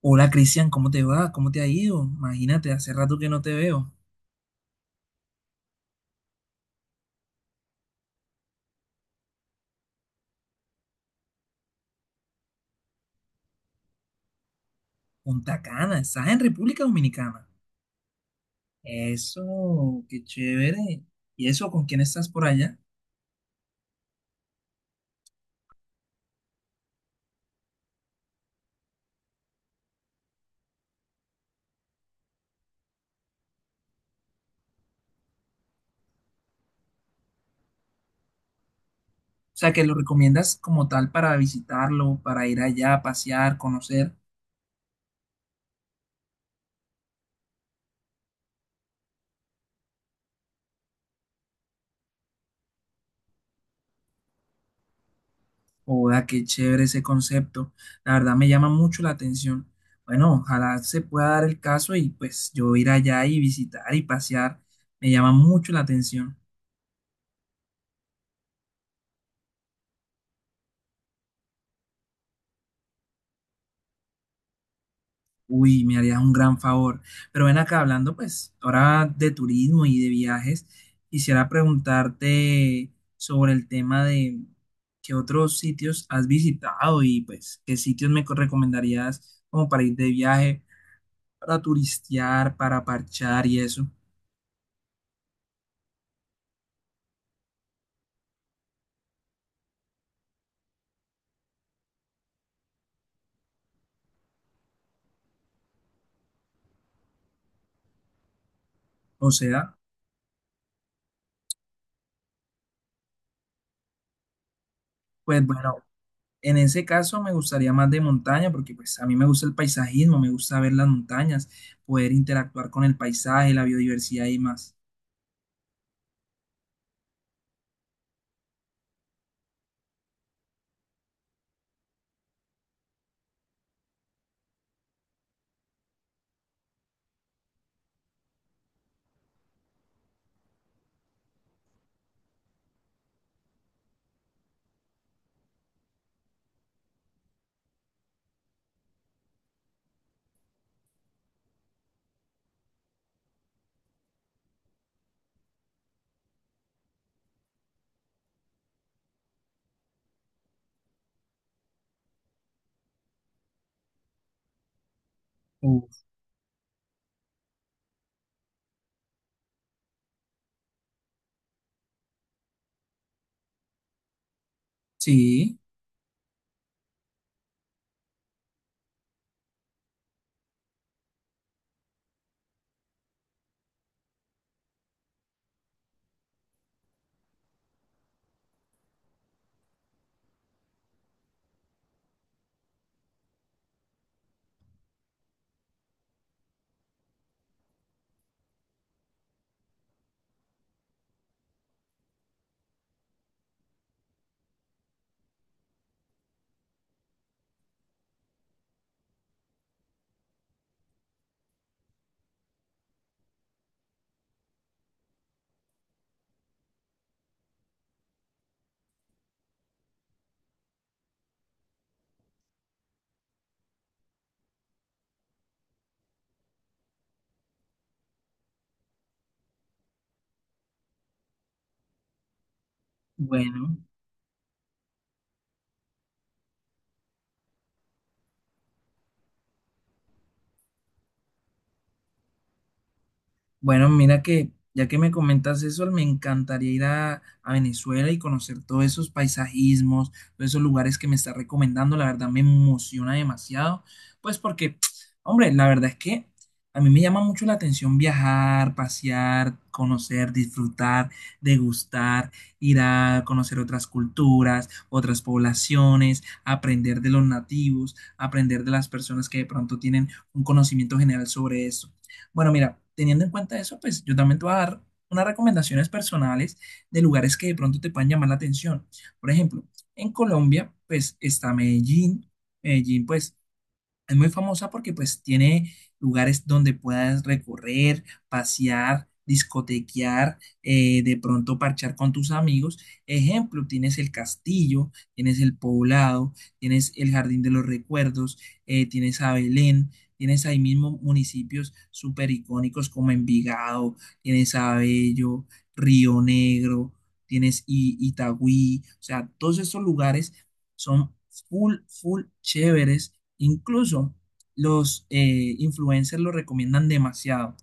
Hola Cristian, ¿cómo te va? ¿Cómo te ha ido? Imagínate, hace rato que no te veo. Punta Cana, estás en República Dominicana. Eso, qué chévere. ¿Y eso con quién estás por allá? O sea, que lo recomiendas como tal para visitarlo, para ir allá, a pasear, conocer. Hola, qué chévere ese concepto. La verdad me llama mucho la atención. Bueno, ojalá se pueda dar el caso y pues yo ir allá y visitar y pasear. Me llama mucho la atención. Uy, me harías un gran favor. Pero ven acá hablando, pues, ahora de turismo y de viajes, quisiera preguntarte sobre el tema de qué otros sitios has visitado y pues qué sitios recomendarías como para ir de viaje, para turistear, para parchar y eso. O sea, pues bueno, en ese caso me gustaría más de montaña porque pues a mí me gusta el paisajismo, me gusta ver las montañas, poder interactuar con el paisaje, la biodiversidad y más. Uf, sí. Bueno, bueno, mira que ya que me comentas eso, me encantaría ir a Venezuela y conocer todos esos paisajismos, todos esos lugares que me está recomendando. La verdad me emociona demasiado, pues porque, hombre, la verdad es que a mí me llama mucho la atención viajar, pasear, conocer, disfrutar, degustar, ir a conocer otras culturas, otras poblaciones, aprender de los nativos, aprender de las personas que de pronto tienen un conocimiento general sobre esto. Bueno, mira, teniendo en cuenta eso, pues yo también te voy a dar unas recomendaciones personales de lugares que de pronto te puedan llamar la atención. Por ejemplo, en Colombia, pues está Medellín. Medellín, pues es muy famosa porque pues tiene lugares donde puedas recorrer, pasear, discotequear, de pronto parchar con tus amigos. Ejemplo, tienes el castillo, tienes el poblado, tienes el Jardín de los Recuerdos, tienes a Belén, tienes ahí mismo municipios súper icónicos como Envigado, tienes Abello, Río Negro, tienes Itagüí. O sea, todos esos lugares son full, full chéveres. Incluso los influencers lo recomiendan demasiado.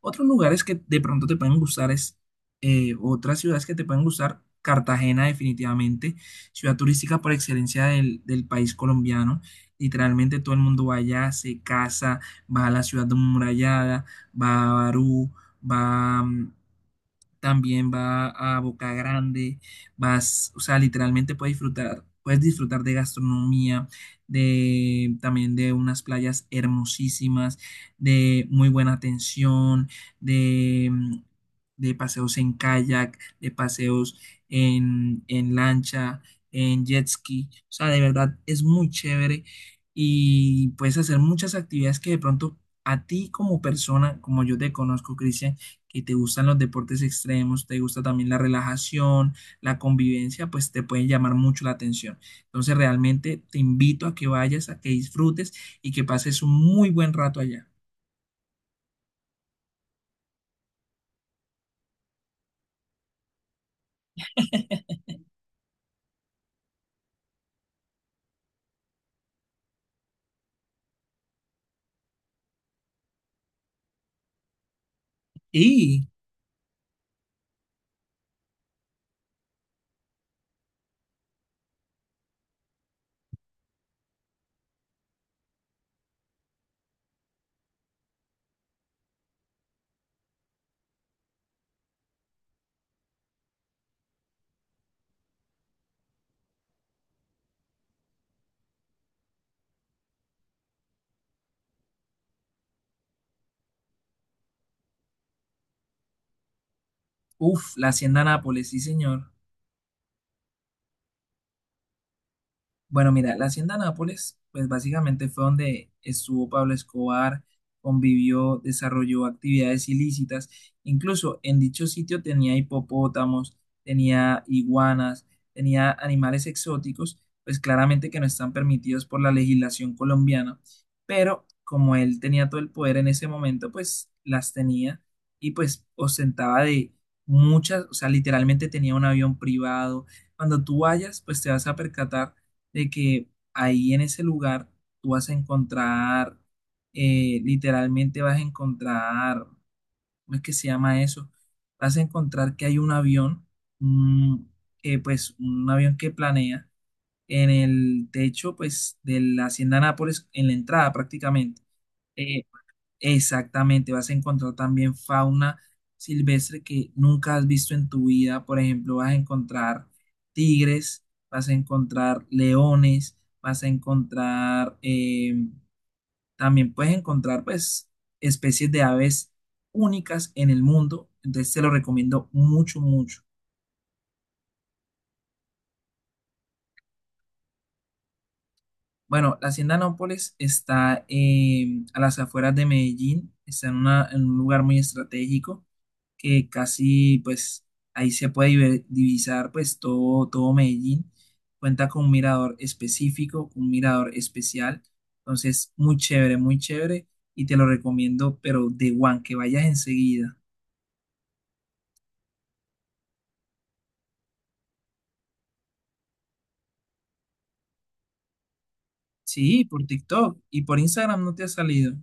Otros lugares que de pronto te pueden gustar es, otras ciudades que te pueden gustar, Cartagena definitivamente, ciudad turística por excelencia del país colombiano. Literalmente todo el mundo va allá, se casa, va a la ciudad amurallada, va a Barú, va también va a Boca Grande, vas, o sea, literalmente puedes disfrutar de gastronomía, de también de unas playas hermosísimas, de muy buena atención, de, mm, de paseos en kayak, de paseos en lancha, en jet ski, o sea, de verdad es muy chévere y puedes hacer muchas actividades que de pronto a ti como persona, como yo te conozco, Cristian, que te gustan los deportes extremos, te gusta también la relajación, la convivencia, pues te pueden llamar mucho la atención. Entonces realmente te invito a que vayas, a que disfrutes y que pases un muy buen rato allá. Y, uff, la Hacienda Nápoles, sí señor. Bueno, mira, la hacienda Nápoles, pues básicamente fue donde estuvo Pablo Escobar, convivió, desarrolló actividades ilícitas. Incluso en dicho sitio tenía hipopótamos, tenía iguanas, tenía animales exóticos, pues claramente que no están permitidos por la legislación colombiana. Pero como él tenía todo el poder en ese momento, pues las tenía y pues ostentaba de muchas, o sea, literalmente tenía un avión privado. Cuando tú vayas, pues te vas a percatar de que ahí en ese lugar tú vas a encontrar, literalmente vas a encontrar, ¿cómo es que se llama eso? Vas a encontrar que hay un avión, un- que, pues un avión que planea en el techo pues de la Hacienda Nápoles, en la entrada prácticamente. Eh, Exactamente, vas a encontrar también fauna silvestre que nunca has visto en tu vida. Por ejemplo, vas a encontrar tigres, vas a encontrar leones, vas a encontrar, también puedes encontrar pues especies de aves únicas en el mundo. Entonces te lo recomiendo mucho, mucho. Bueno, la Hacienda Nápoles está a las afueras de Medellín, está en un lugar muy estratégico, que casi pues ahí se puede divisar pues todo, todo Medellín. Cuenta con un mirador específico, un mirador especial. Entonces, muy chévere y te lo recomiendo, pero de one, que vayas enseguida. Sí, por TikTok y por Instagram no te ha salido.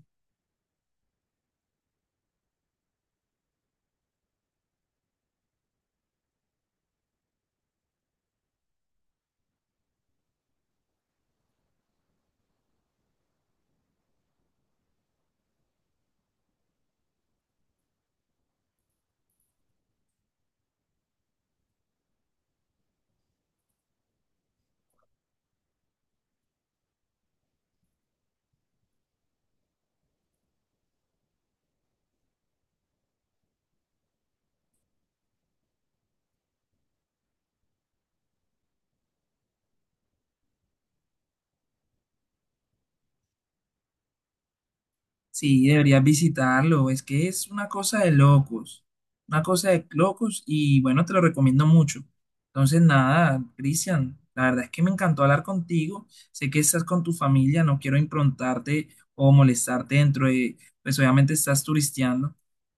Sí, deberías visitarlo. Es que es una cosa de locos. Una cosa de locos y bueno, te lo recomiendo mucho. Entonces, nada, Cristian, la verdad es que me encantó hablar contigo. Sé que estás con tu familia, no quiero improntarte o molestarte dentro de, pues obviamente estás turisteando.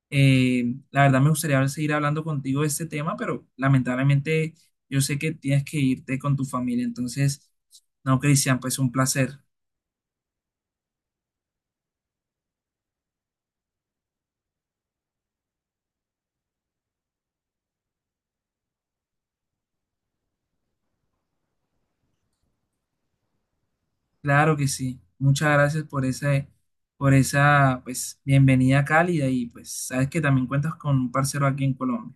La verdad me gustaría seguir hablando contigo de este tema, pero lamentablemente yo sé que tienes que irte con tu familia. Entonces, no, Cristian, pues un placer. Claro que sí. Muchas gracias por esa, pues, bienvenida cálida y pues sabes que también cuentas con un parcero aquí en Colombia.